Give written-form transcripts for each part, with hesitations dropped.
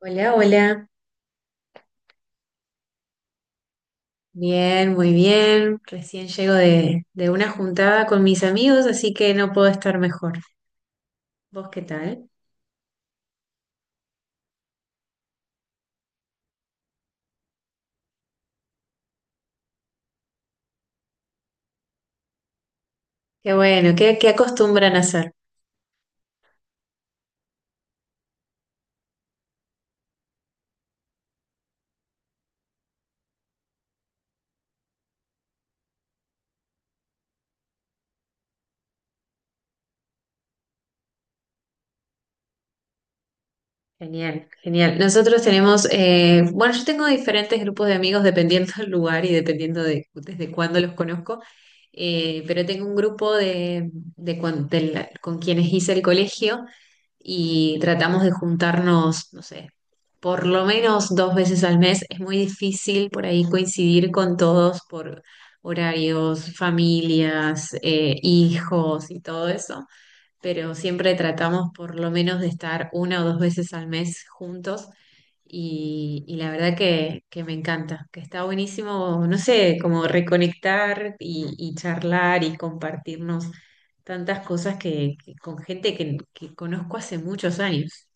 Hola, hola. Bien, muy bien. Recién llego de una juntada con mis amigos, así que no puedo estar mejor. ¿Vos qué tal? Qué bueno, ¿qué acostumbran a hacer? Genial, genial. Nosotros tenemos, bueno, yo tengo diferentes grupos de amigos dependiendo del lugar y dependiendo de desde cuándo los conozco, pero tengo un grupo de con quienes hice el colegio y tratamos de juntarnos, no sé, por lo menos dos veces al mes. Es muy difícil por ahí coincidir con todos por horarios, familias, hijos y todo eso, pero siempre tratamos por lo menos de estar una o dos veces al mes juntos y la verdad que me encanta, que está buenísimo, no sé, como reconectar y charlar y compartirnos tantas cosas que con gente que conozco hace muchos años.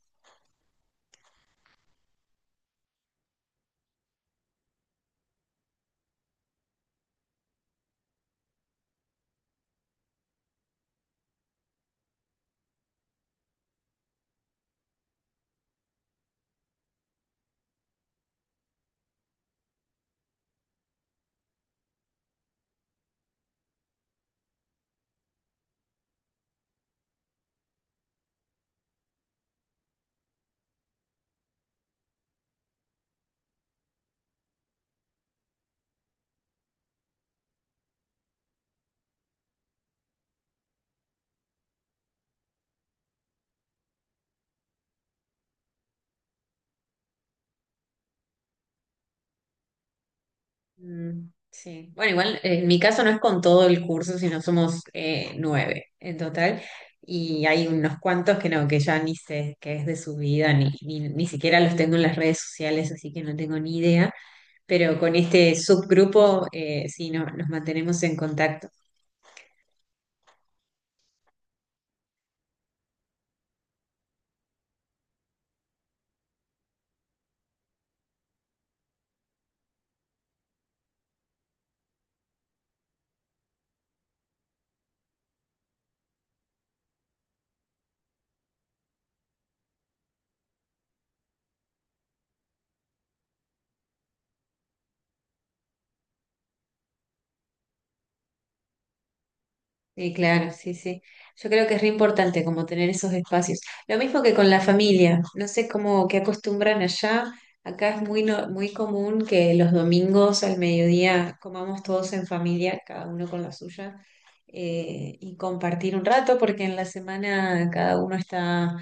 Mm, sí. Bueno, igual en mi caso no es con todo el curso, sino somos nueve en total. Y hay unos cuantos que no, que ya ni sé qué es de su vida, ni siquiera los tengo en las redes sociales, así que no tengo ni idea. Pero con este subgrupo, sí, no, nos mantenemos en contacto. Sí, claro, sí, sí. Yo creo que es re importante como tener esos espacios. Lo mismo que con la familia. No sé cómo qué acostumbran allá. Acá es muy no- muy común que los domingos al mediodía comamos todos en familia, cada uno con la suya, y compartir un rato, porque en la semana cada uno está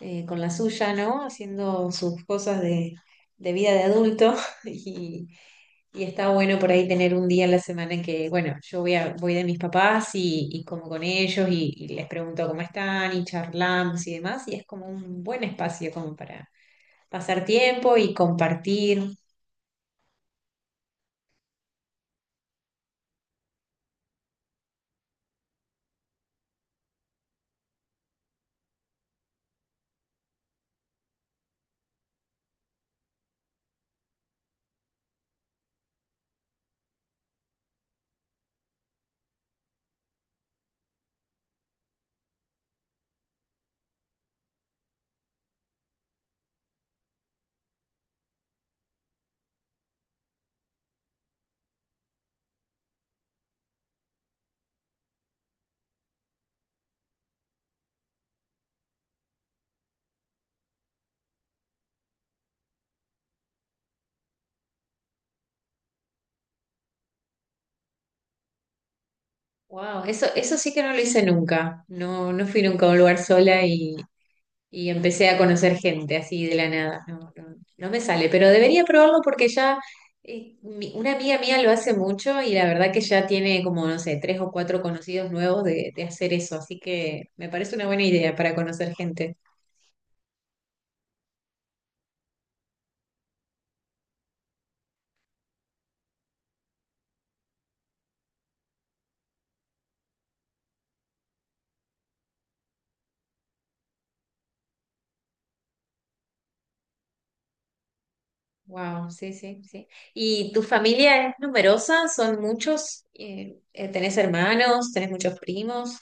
con la suya, ¿no? Haciendo sus cosas de vida de adulto y y está bueno por ahí tener un día a la semana que, bueno, yo voy de mis papás y como con ellos y les pregunto cómo están y charlamos y demás, y es como un buen espacio como para pasar tiempo y compartir. Wow, eso sí que no lo hice nunca. No, no fui nunca a un lugar sola y empecé a conocer gente así de la nada. No, no, no me sale, pero debería probarlo porque ya una amiga mía lo hace mucho y la verdad que ya tiene como, no sé, tres o cuatro conocidos nuevos de hacer eso, así que me parece una buena idea para conocer gente. Wow, sí, sí, sí. ¿Y tu familia es numerosa? ¿Son muchos? ¿Tenés hermanos? ¿Tenés muchos primos?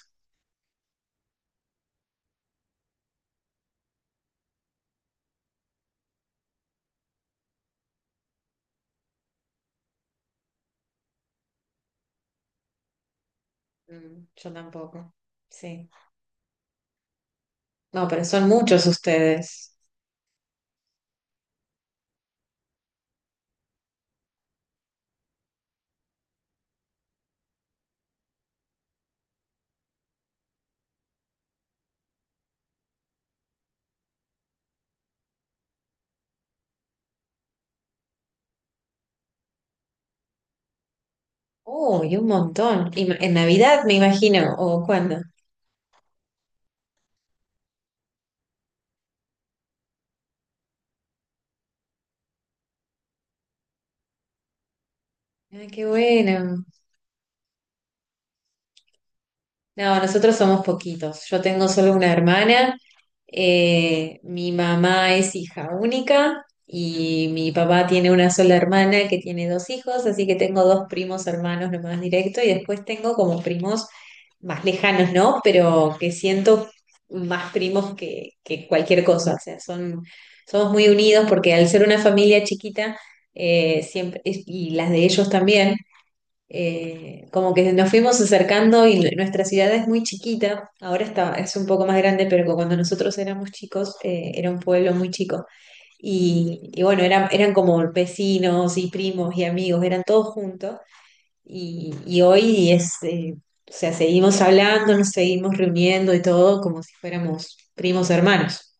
Mm, yo tampoco. Sí. No, pero son muchos ustedes. Uy, un montón. Y en Navidad, me imagino, o cuándo. Ah, qué bueno. No, nosotros somos poquitos. Yo tengo solo una hermana. Mi mamá es hija única y mi papá tiene una sola hermana que tiene dos hijos, así que tengo dos primos hermanos nomás directo y después tengo como primos más lejanos, ¿no? Pero que siento más primos que cualquier cosa. O sea, son, somos muy unidos porque al ser una familia chiquita, siempre, y las de ellos también. Como que nos fuimos acercando y nuestra ciudad es muy chiquita, ahora está, es un poco más grande, pero cuando nosotros éramos chicos, era un pueblo muy chico. Y bueno, eran como vecinos y primos y amigos, eran todos juntos. Y hoy es, o sea, seguimos hablando, nos seguimos reuniendo y todo como si fuéramos primos hermanos.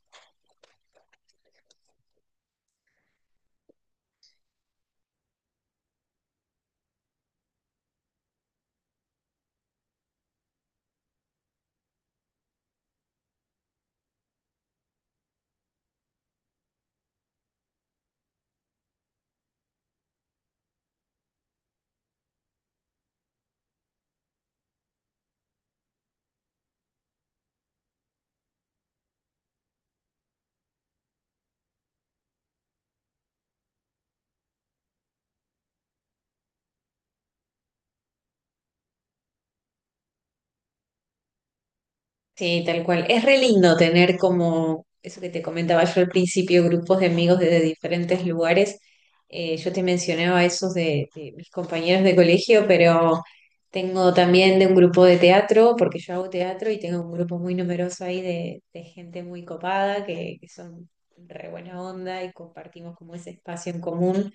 Sí, tal cual. Es re lindo tener como eso que te comentaba yo al principio, grupos de amigos desde diferentes lugares. Yo te mencionaba esos de mis compañeros de colegio, pero tengo también de un grupo de teatro, porque yo hago teatro y tengo un grupo muy numeroso ahí de gente muy copada, que son re buena onda y compartimos como ese espacio en común.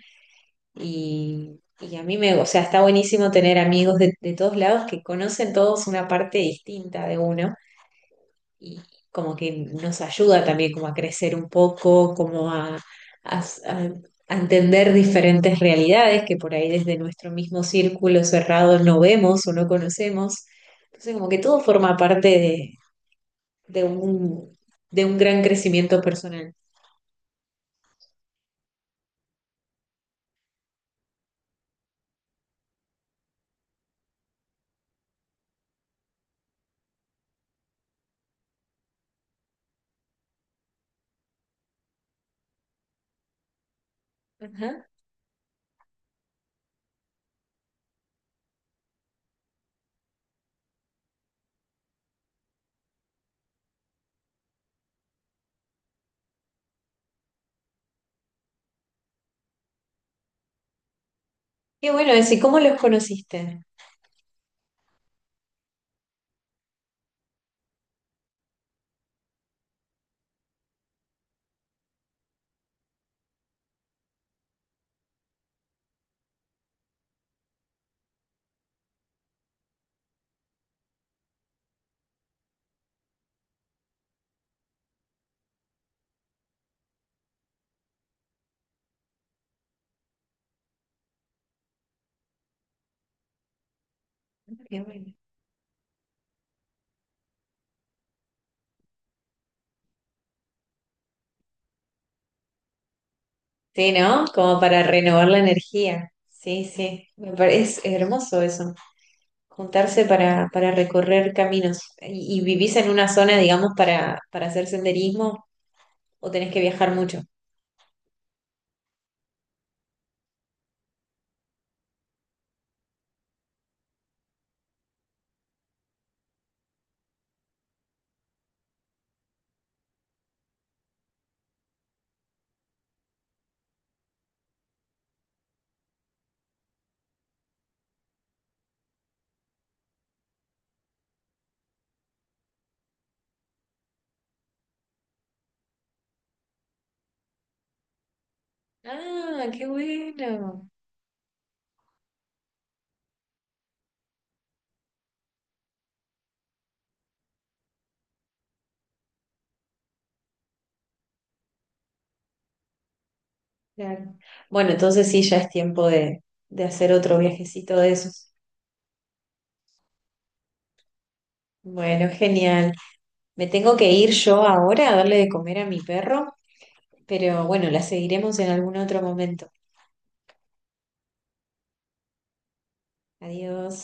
Y a mí me, o sea, está buenísimo tener amigos de todos lados que conocen todos una parte distinta de uno y como que nos ayuda también como a crecer un poco, como a- a entender diferentes realidades que por ahí desde nuestro mismo círculo cerrado no vemos o no conocemos. Entonces como que todo forma parte de un, de un gran crecimiento personal. Ajá. Qué bueno eso, ¿y cómo los conociste? Qué bueno. Sí, ¿no? Como para renovar la energía. Sí, sí, me parece hermoso eso. Juntarse para recorrer caminos. Y vivís en una zona, digamos, para hacer senderismo o tenés que viajar mucho? Ah, qué bueno. Claro. Bueno, entonces sí, ya es tiempo de hacer otro viajecito de esos. Bueno, genial. Me tengo que ir yo ahora a darle de comer a mi perro, pero bueno, la seguiremos en algún otro momento. Adiós.